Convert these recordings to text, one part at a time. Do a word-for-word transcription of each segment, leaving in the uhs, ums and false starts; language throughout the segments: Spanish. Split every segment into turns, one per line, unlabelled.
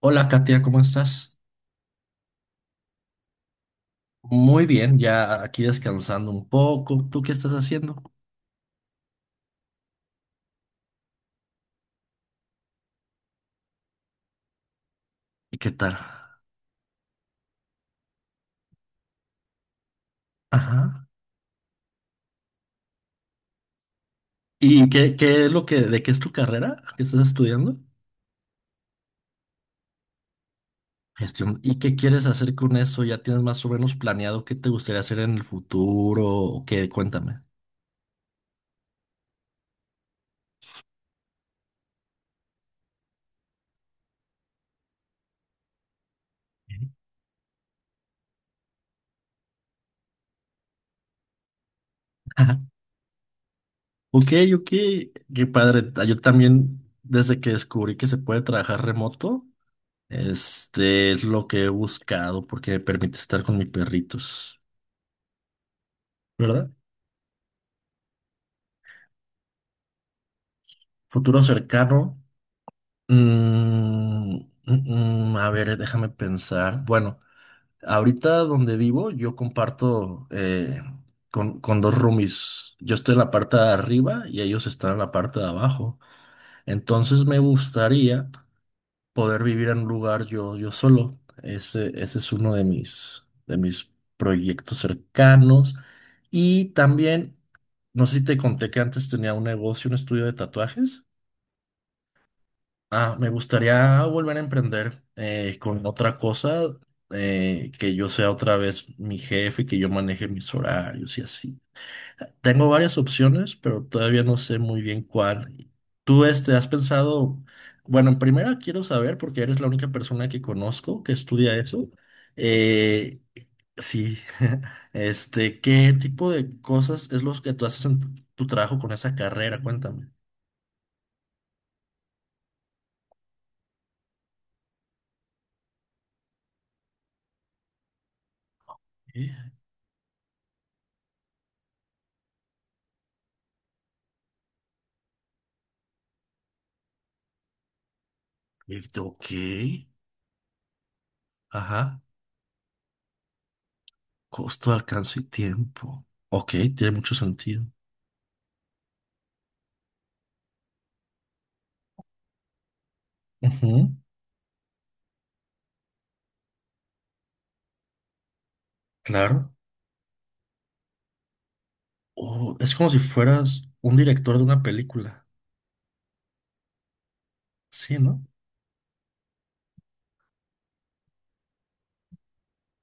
Hola Katia, ¿cómo estás? Muy bien, ya aquí descansando un poco. ¿Tú qué estás haciendo? ¿Y qué tal? Ajá. ¿Y qué, qué es lo que, de qué es tu carrera que estás estudiando? Gestión. ¿Y qué quieres hacer con eso? ¿Ya tienes más o menos planeado qué te gustaría hacer en el futuro? ¿O qué? Cuéntame. Ajá. Ok, ok, qué padre. Ah, yo también, desde que descubrí que se puede trabajar remoto, este es lo que he buscado porque me permite estar con mis perritos, ¿verdad? Futuro cercano. Mm, mm, mm, a ver, déjame pensar. Bueno, ahorita donde vivo, yo comparto eh, con, con dos roomies. Yo estoy en la parte de arriba y ellos están en la parte de abajo. Entonces me gustaría poder vivir en un lugar yo, yo solo. Ese, ese es uno de mis, de mis proyectos cercanos. Y también, no sé si te conté que antes tenía un negocio, un estudio de tatuajes. Ah, me gustaría volver a emprender eh, con otra cosa, eh, que yo sea otra vez mi jefe, que yo maneje mis horarios y así. Tengo varias opciones, pero todavía no sé muy bien cuál. ¿Tú este has pensado? Bueno, en primera quiero saber, porque eres la única persona que conozco que estudia eso. eh, sí, este, ¿qué tipo de cosas es lo que tú haces en tu tu trabajo con esa carrera? Cuéntame. Eh, Ok. Ajá. Costo, alcance y tiempo. Ok, tiene mucho sentido. Ujú, claro. Oh, es como si fueras un director de una película. Sí, ¿no?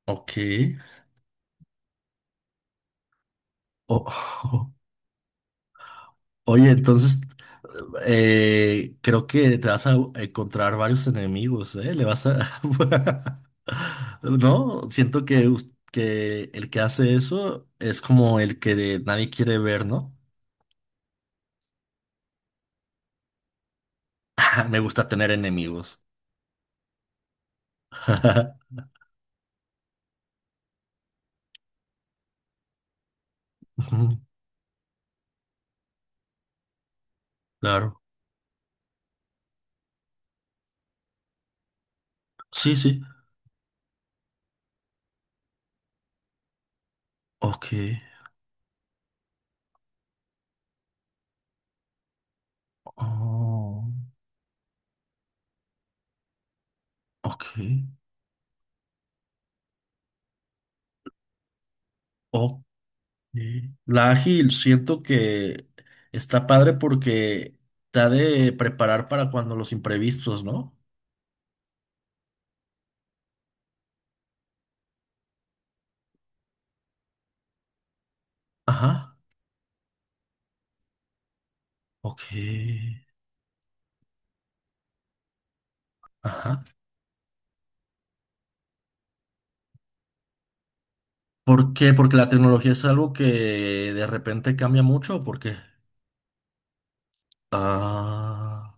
Ok. O- Oye, entonces eh, creo que te vas a encontrar varios enemigos, ¿eh? Le vas a... No, siento que, us- que el que hace eso es como el que de- nadie quiere ver, ¿no? Me gusta tener enemigos. Ujú, claro. Sí, sí. Ok. Oh, ok. Ok. La ágil siento que está padre porque te ha de preparar para cuando los imprevistos, ¿no? Ajá. Ok. Ajá. ¿Por qué? ¿Porque la tecnología es algo que de repente cambia mucho o por qué? Ah.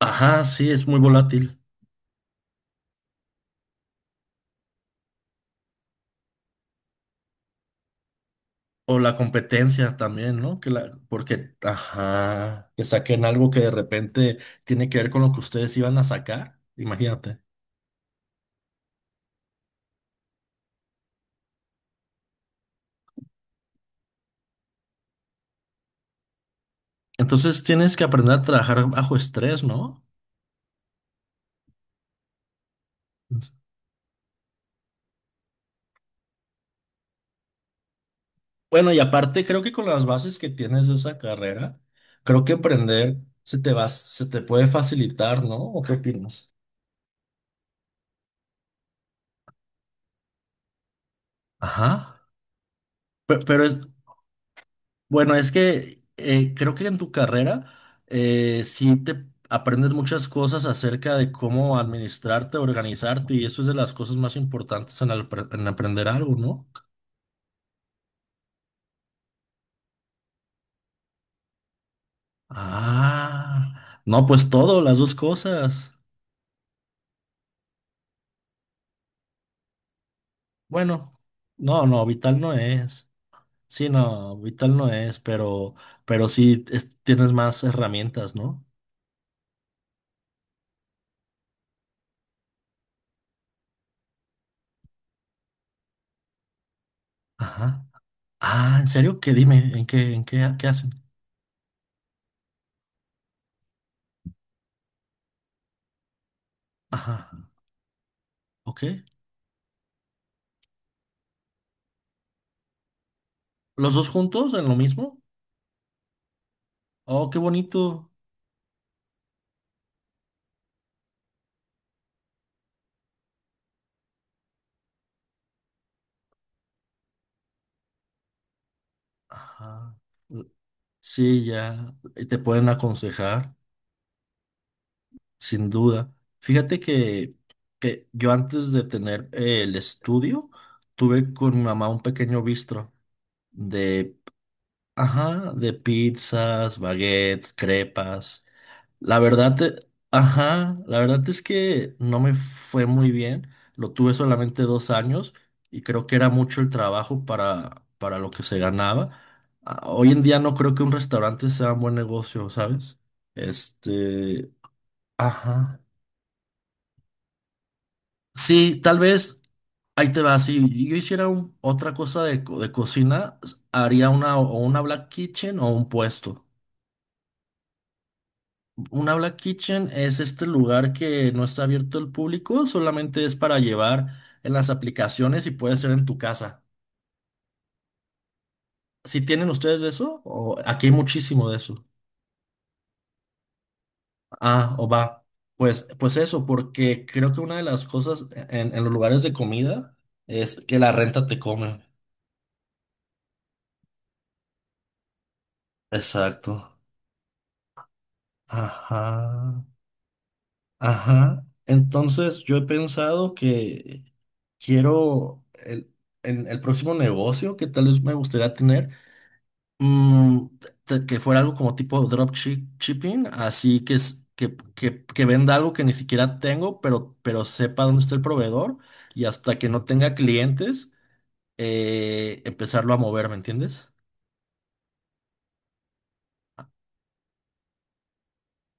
Ajá, sí, es muy volátil. O la competencia también, ¿no? Que la, porque, ajá, que saquen algo que de repente tiene que ver con lo que ustedes iban a sacar, imagínate. Entonces tienes que aprender a trabajar bajo estrés, ¿no? Bueno, y aparte creo que con las bases que tienes de esa carrera, creo que aprender se te va, se te puede facilitar, ¿no? ¿O qué opinas? Ajá. Pe- Pero, es- bueno, es que eh, creo que en tu carrera eh, sí te aprendes muchas cosas acerca de cómo administrarte, organizarte, y eso es de las cosas más importantes en, al- en aprender algo, ¿no? Ah, no, pues todo, las dos cosas. Bueno, no, no, vital no es. Sí, no, vital no es, pero, pero sí es- tienes más herramientas, ¿no? Ajá. Ah, ¿en serio? ¿Qué? Dime. ¿En qué, en qué, qué hacen? Ajá. Ok. ¿Los dos juntos en lo mismo? Oh, qué bonito. Ajá. Sí, ya eh, te pueden aconsejar, sin duda. Fíjate que, que yo antes de tener eh, el estudio, tuve con mi mamá un pequeño bistro de, ajá, de pizzas, baguettes, crepas. La verdad, eh, ajá, la verdad es que no me fue muy bien. Lo tuve solamente dos años y creo que era mucho el trabajo para, para lo que se ganaba. Ah, hoy en día no creo que un restaurante sea un buen negocio, ¿sabes? Este, ajá. Sí, tal vez ahí te va. Si yo hiciera un- otra cosa de, co- de cocina, haría una, o una black kitchen o un puesto. Una black kitchen es este lugar que no está abierto al público, solamente es para llevar en las aplicaciones y puede ser en tu casa. Si tienen ustedes de eso, o aquí hay muchísimo de eso. Ah, o va. Pues, pues eso, porque creo que una de las cosas en, en los lugares de comida es que la renta te come. Exacto. Ajá. Ajá. Entonces yo he pensado que quiero el, el el próximo negocio que tal vez me gustaría tener, Mm, te- que fuera algo como tipo dropship- shipping, así que, es- que, que, que venda algo que ni siquiera tengo, pero, pero sepa dónde está el proveedor y hasta que no tenga clientes, eh, empezarlo a mover, ¿me entiendes?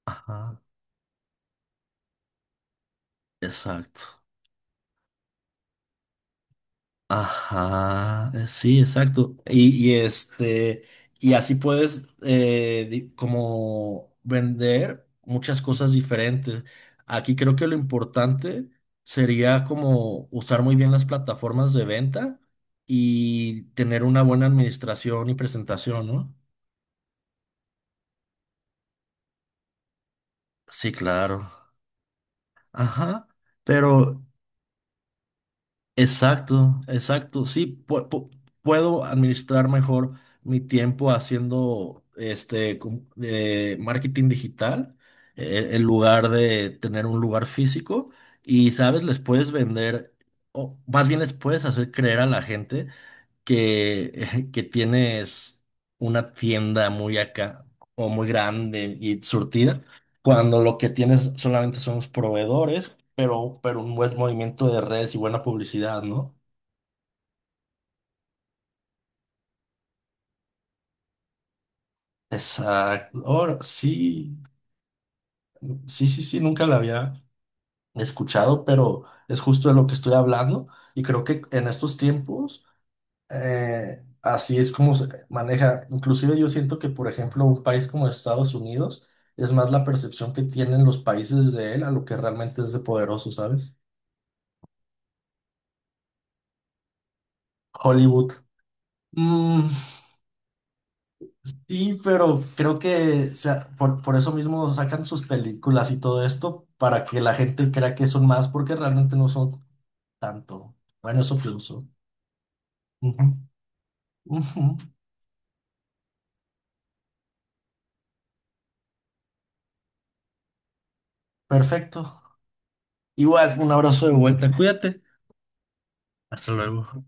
Ajá, exacto. Ajá, eh, sí, exacto. Y, y este, y así puedes eh, di- como vender muchas cosas diferentes. Aquí creo que lo importante sería como usar muy bien las plataformas de venta y tener una buena administración y presentación, ¿no? Sí, claro. Ajá. Pero. Exacto, exacto. Sí, pu- pu- puedo administrar mejor mi tiempo haciendo este com- de marketing digital eh, en lugar de tener un lugar físico. Y sabes, les puedes vender, o más bien les puedes hacer creer a la gente que, que tienes una tienda muy acá o muy grande y surtida, cuando lo que tienes solamente son los proveedores, pero, pero un buen movimiento de redes y buena publicidad, ¿no? Exacto. Ahora, sí, sí, sí, sí, nunca la había escuchado, pero es justo de lo que estoy hablando y creo que en estos tiempos... eh, así es como se maneja. Inclusive yo siento que, por ejemplo, un país como Estados Unidos es más la percepción que tienen los países de él a lo que realmente es de poderoso, ¿sabes? Hollywood. Mm, sí, pero creo que o sea, por, por eso mismo sacan sus películas y todo esto para que la gente crea que son más porque realmente no son tanto. Bueno, eso pienso. Ujú, ujú. Perfecto. Igual, un abrazo de vuelta. Cuídate. Hasta luego.